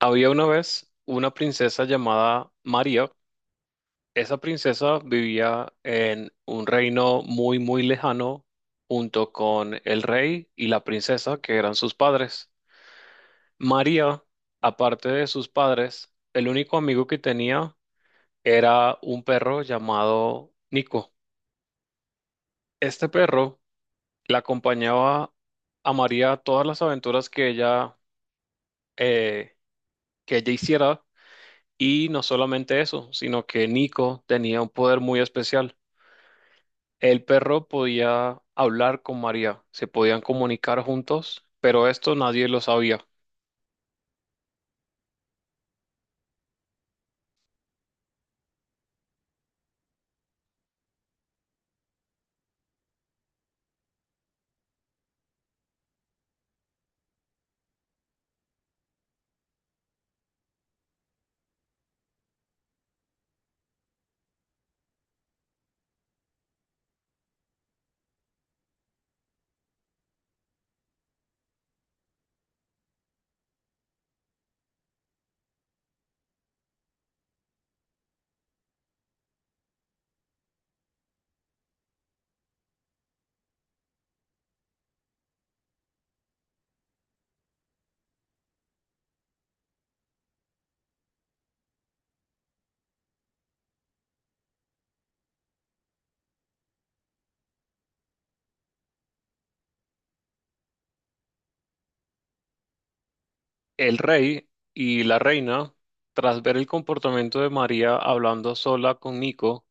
Había una vez una princesa llamada María. Esa princesa vivía en un reino muy, muy lejano junto con el rey y la princesa, que eran sus padres. María, aparte de sus padres, el único amigo que tenía era un perro llamado Nico. Este perro la acompañaba a María a todas las aventuras eh, que ella hiciera. Y no solamente eso, sino que Nico tenía un poder muy especial. El perro podía hablar con María, se podían comunicar juntos, pero esto nadie lo sabía. El rey y la reina, tras ver el comportamiento de María hablando sola con Nico,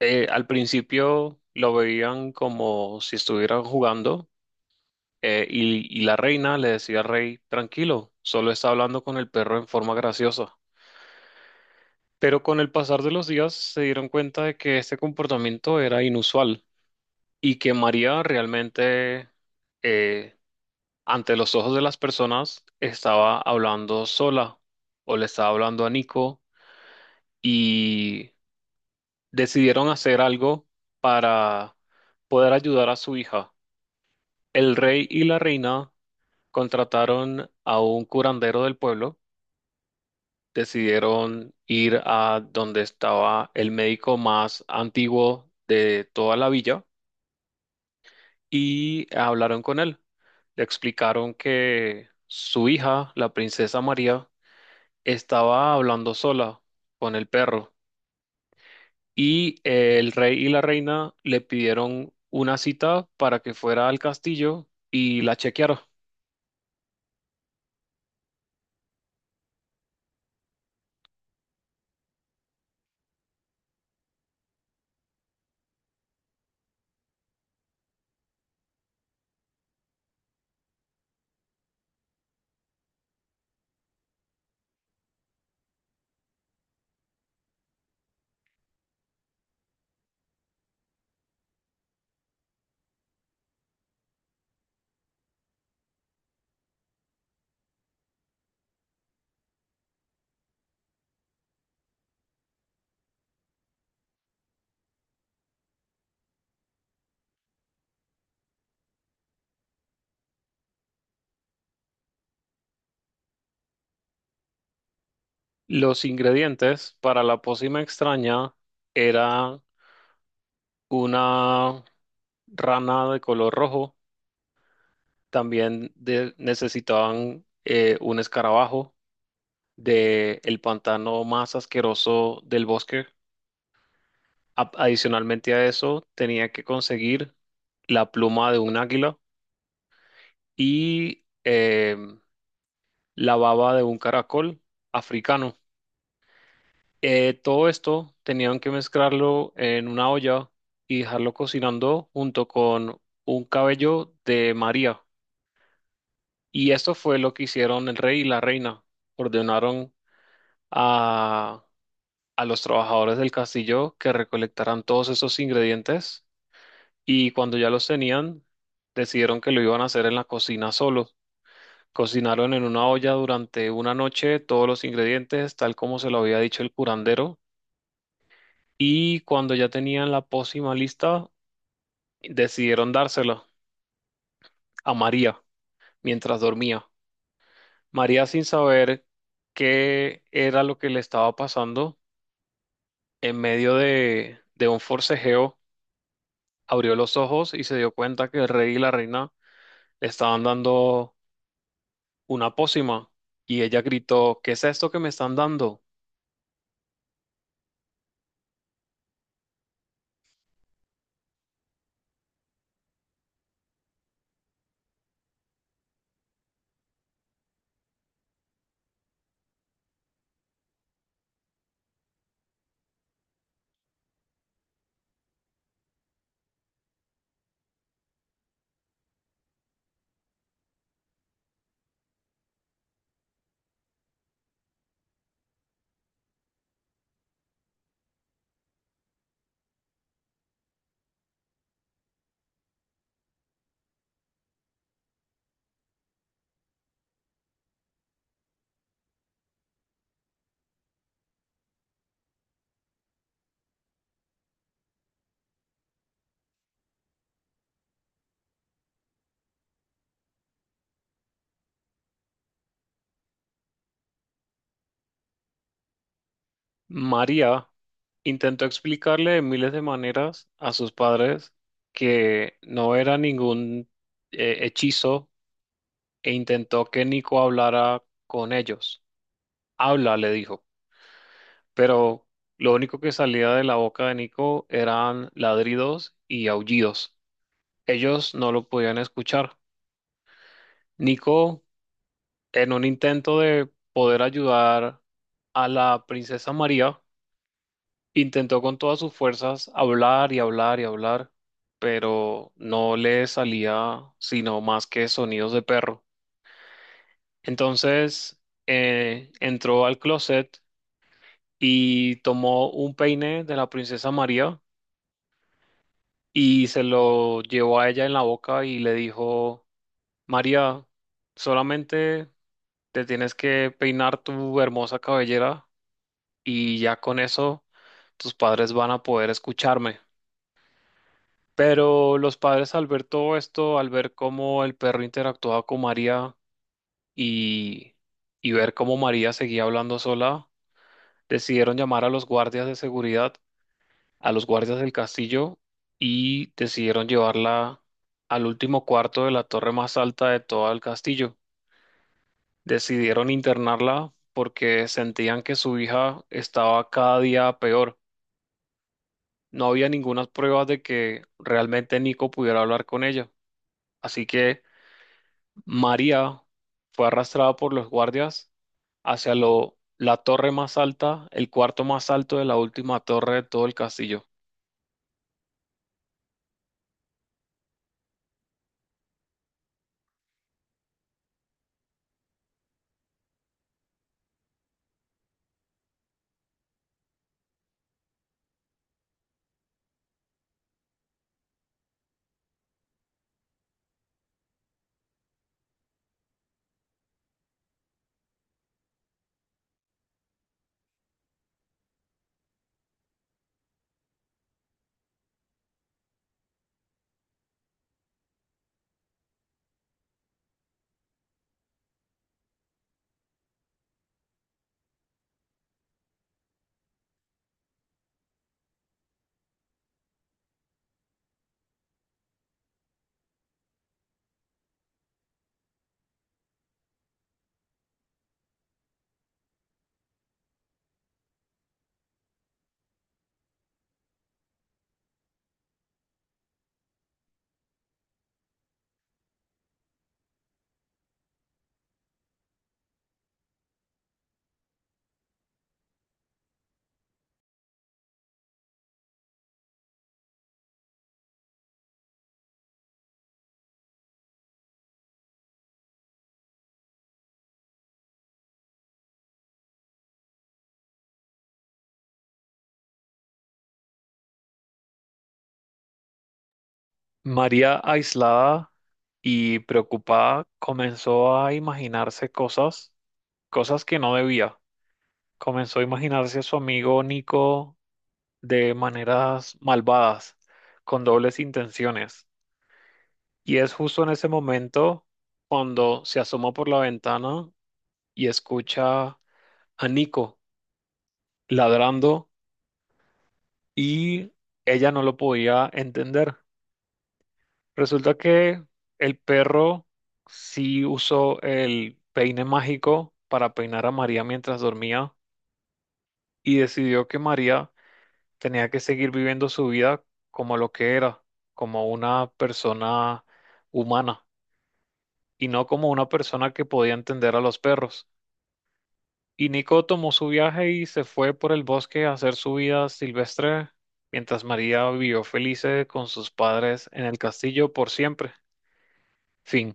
al principio lo veían como si estuvieran jugando. Y la reina le decía al rey, tranquilo, solo está hablando con el perro en forma graciosa. Pero con el pasar de los días se dieron cuenta de que este comportamiento era inusual y que María realmente, eh, ante los ojos de las personas, estaba hablando sola o le estaba hablando a Nico, y decidieron hacer algo para poder ayudar a su hija. El rey y la reina contrataron a un curandero del pueblo. Decidieron ir a donde estaba el médico más antiguo de toda la villa y hablaron con él. Le explicaron que su hija, la princesa María, estaba hablando sola con el perro, y el rey y la reina le pidieron una cita para que fuera al castillo y la chequearon. Los ingredientes para la pócima extraña eran una rana de color rojo. También de- necesitaban un escarabajo de el pantano más asqueroso del bosque. A- adicionalmente a eso, tenía que conseguir la pluma de un águila y, em, la baba de un caracol africano. Todo esto tenían que mezclarlo en una olla y dejarlo cocinando junto con un cabello de María. Y esto fue lo que hicieron el rey y la reina. Ordenaron a, a los trabajadores del castillo que recolectaran todos esos ingredientes, y cuando ya los tenían, decidieron que lo iban a hacer en la cocina solos. Cocinaron en una olla durante una noche todos los ingredientes, tal como se lo había dicho el curandero, y cuando ya tenían la pócima lista, decidieron dársela a María mientras dormía. María, sin saber qué era lo que le estaba pasando, en medio de un forcejeo, abrió los ojos y se dio cuenta que el rey y la reina le estaban dando una pócima, y ella gritó: ¿qué es esto que me están dando? María intentó explicarle de miles de maneras a sus padres que no era ningún, hechizo, e intentó que Nico hablara con ellos. Habla, le dijo, pero lo único que salía de la boca de Nico eran ladridos y aullidos. Ellos no lo podían escuchar. Nico, en un intento de poder ayudar a la princesa María, intentó con todas sus fuerzas hablar y hablar y hablar, pero no le salía sino más que sonidos de perro. Entonces entró al closet y tomó un peine de la princesa María, y se lo llevó a ella en la boca y le dijo: María, solamente te tienes que peinar tu hermosa cabellera y ya con eso tus padres van a poder escucharme. Pero los padres, al ver todo esto, al ver cómo el perro interactuaba con María, y, y ver cómo María seguía hablando sola, decidieron llamar a los guardias de seguridad, a los guardias del castillo, y decidieron llevarla al último cuarto de la torre más alta de todo el castillo. Decidieron internarla porque sentían que su hija estaba cada día peor. No había ninguna prueba de que realmente Nico pudiera hablar con ella. Así que María fue arrastrada por los guardias hacia lo- la torre más alta, el cuarto más alto de la última torre de todo el castillo. María, aislada y preocupada, comenzó a imaginarse cosas, cosas que no debía. Comenzó a imaginarse a su amigo Nico de maneras malvadas, con dobles intenciones. Y es justo en ese momento cuando se asoma por la ventana y escucha a Nico ladrando, y ella no lo podía entender. Resulta que el perro sí usó el peine mágico para peinar a María mientras dormía, y decidió que María tenía que seguir viviendo su vida como lo que era, como una persona humana y no como una persona que podía entender a los perros. Y Nico tomó su viaje y se fue por el bosque a hacer su vida silvestre, mientras María vivió feliz con sus padres en el castillo por siempre. Fin.